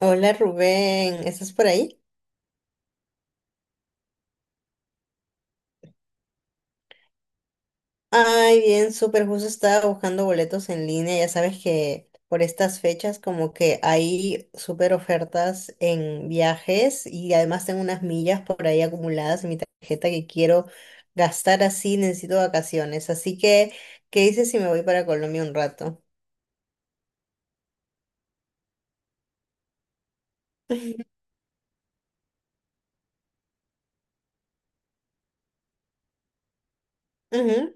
Hola Rubén, ¿estás por ahí? Ay, bien, súper justo estaba buscando boletos en línea. Ya sabes que por estas fechas como que hay súper ofertas en viajes y además tengo unas millas por ahí acumuladas en mi tarjeta que quiero gastar, así necesito vacaciones. Así que, ¿qué dices si me voy para Colombia un rato? Ujú.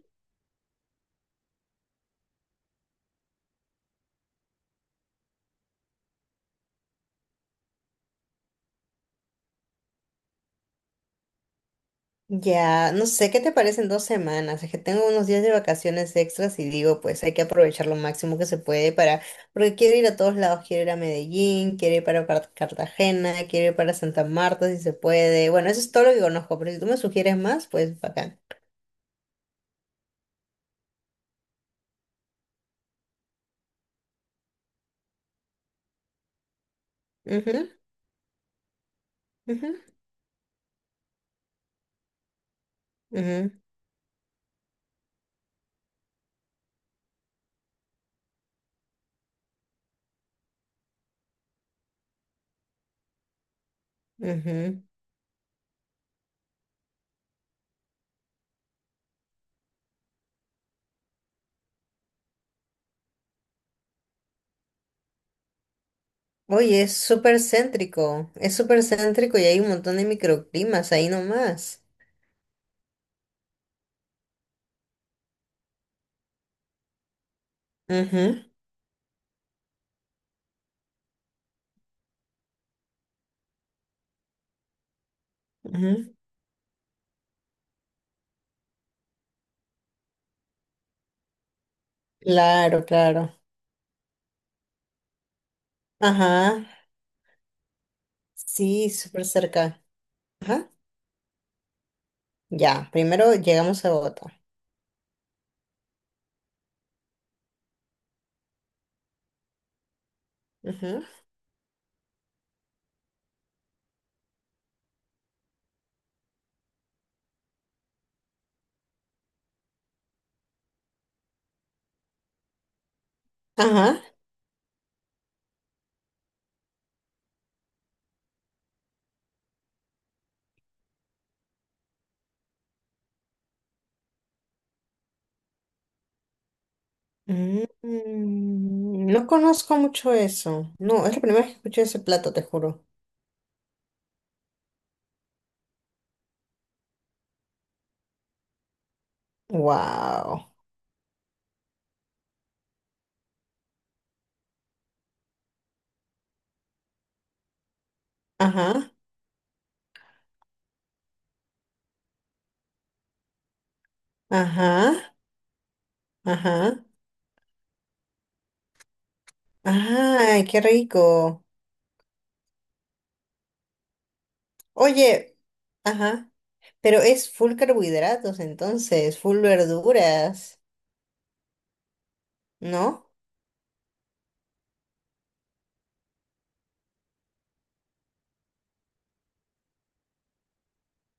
Ya, no sé, ¿qué te parecen 2 semanas? Es que tengo unos días de vacaciones extras y digo, pues hay que aprovechar lo máximo que se puede, para, porque quiero ir a todos lados, quiero ir a Medellín, quiero ir para Cartagena, quiero ir para Santa Marta si se puede. Bueno, eso es todo lo que conozco, pero si tú me sugieres más, pues bacán. Ujú, ujú, ujú, ujú. Oye, es súper céntrico y hay un montón de microclimas ahí nomás. Ujú, ujú. Claro, claro. Ajá. Sí, súper cerca. Ajá. Ya, primero llegamos a Bogotá. Ajá. Ajá. Mm, no conozco mucho eso. No, es la primera vez que escuché ese plato, te juro. Wow. Ajá. Ajá. Ajá. Ay, qué rico. Oye, ajá. Pero es full carbohidratos entonces, full verduras, ¿no?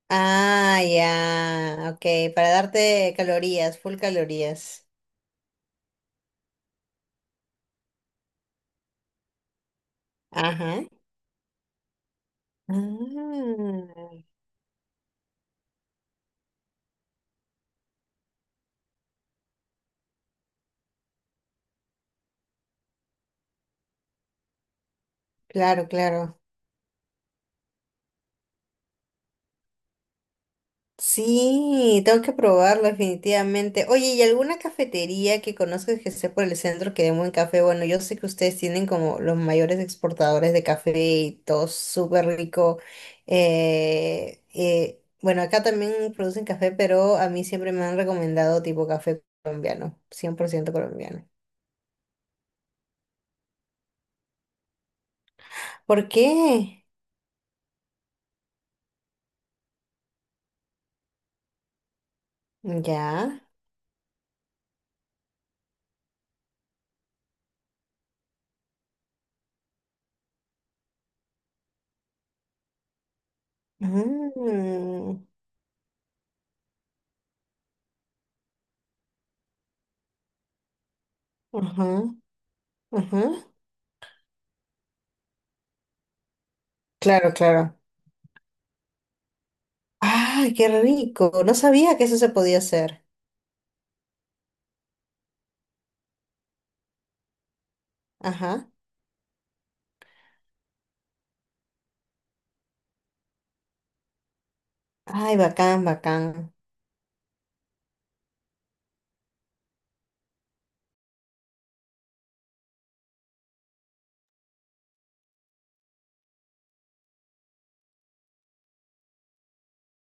Ah, ya. Ok, para darte calorías, full calorías. Ajá. Ah, claro, claro. Sí, tengo que probarlo definitivamente. Oye, ¿y alguna cafetería que conozcas que esté por el centro que dé buen café? Bueno, yo sé que ustedes tienen como los mayores exportadores de café y todo súper rico. Bueno, acá también producen café, pero a mí siempre me han recomendado tipo café colombiano, 100% colombiano. ¿Por qué? Ya. Mm. Ajá, ajá. Claro, claro. ¡Ay, qué rico! No sabía que eso se podía hacer. Ajá. Ay, bacán, bacán.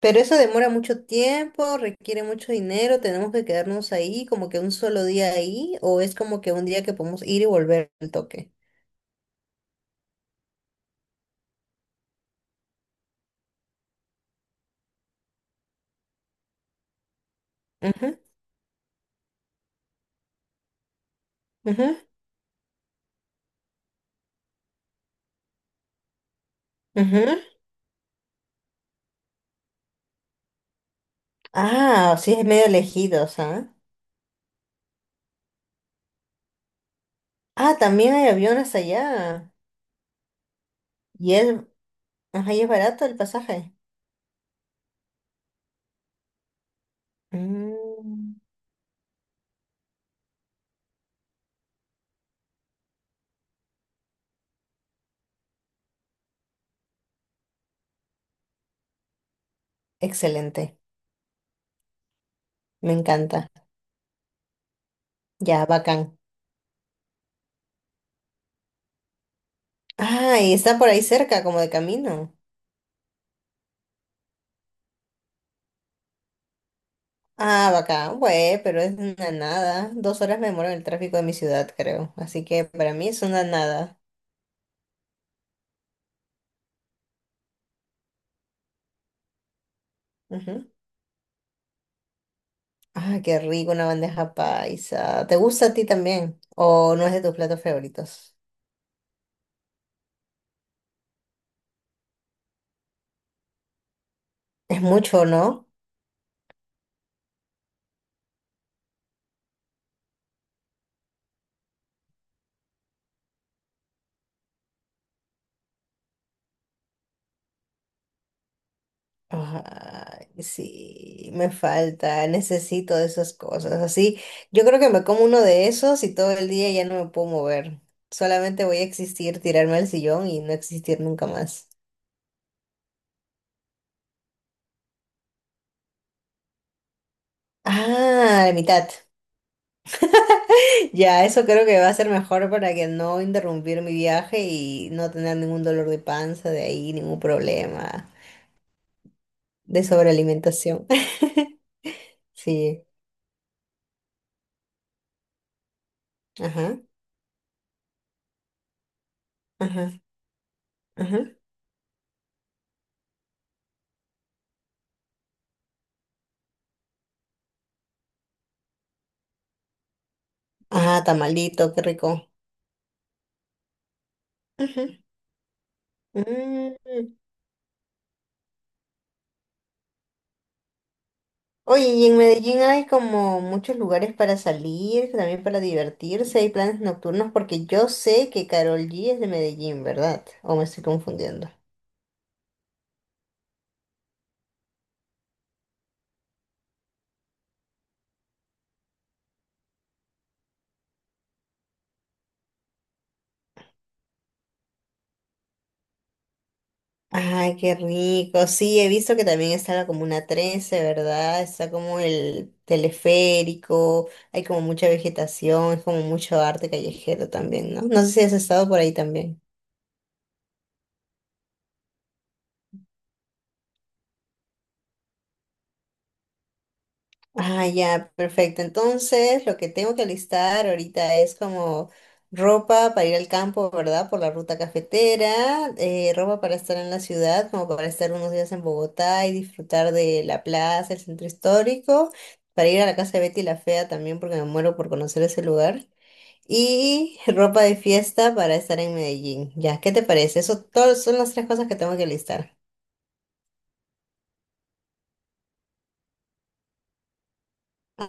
Pero eso demora mucho tiempo, requiere mucho dinero, tenemos que quedarnos ahí como que un solo día ahí, o es como que un día que podemos ir y volver al toque. Ujú, ujú, ujú. Ah, sí, es medio lejidos, ¿ah? Ah, también hay aviones allá. Y es, ajá, y es barato el pasaje. Mm, excelente, me encanta. Ya, bacán. Ah, y está por ahí cerca, como de camino. Ah, bacán, güey, pero es una nada. 2 horas me demoro en el tráfico de mi ciudad, creo. Así que para mí es una nada. Ujú. Ah, qué rico una bandeja paisa. ¿Te gusta a ti también? ¿O no es de tus platos favoritos? Es mucho, ¿no? Ay, sí, me falta, necesito de esas cosas. Así, yo creo que me como uno de esos y todo el día ya no me puedo mover. Solamente voy a existir, tirarme al sillón y no existir nunca más. Ah, la mitad. Ya, eso creo que va a ser mejor para que no interrumpir mi viaje y no tener ningún dolor de panza de ahí, ningún problema de sobrealimentación. Sí, ajá, ajá, ajá. Ah, tamalito, qué rico. Ujú. Mm. Oye, y en Medellín hay como muchos lugares para salir, también para divertirse, hay planes nocturnos, porque yo sé que Carol G es de Medellín, ¿verdad? ¿O me estoy confundiendo? Ay, qué rico. Sí, he visto que también está la Comuna 13, ¿verdad? Está como el teleférico, hay como mucha vegetación, es como mucho arte callejero también, ¿no? No sé si has estado por ahí también. Ah, ya, perfecto. Entonces, lo que tengo que listar ahorita es como ropa para ir al campo, ¿verdad? Por la ruta cafetera, ropa para estar en la ciudad, como para estar unos días en Bogotá y disfrutar de la plaza, el centro histórico, para ir a la casa de Betty la Fea también, porque me muero por conocer ese lugar. Y ropa de fiesta para estar en Medellín. Ya, ¿qué te parece? Eso todos son las tres cosas que tengo que listar.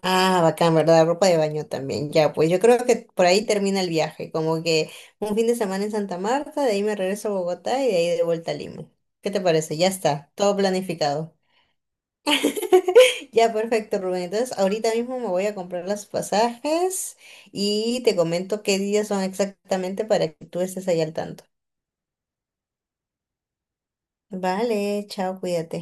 Ah, bacán, ¿verdad? Ropa de baño también. Ya, pues yo creo que por ahí termina el viaje, como que un fin de semana en Santa Marta, de ahí me regreso a Bogotá y de ahí de vuelta a Lima. ¿Qué te parece? Ya está, todo planificado. Ya, perfecto, Rubén. Entonces, ahorita mismo me voy a comprar los pasajes y te comento qué días son exactamente para que tú estés ahí al tanto. Vale, chao, cuídate.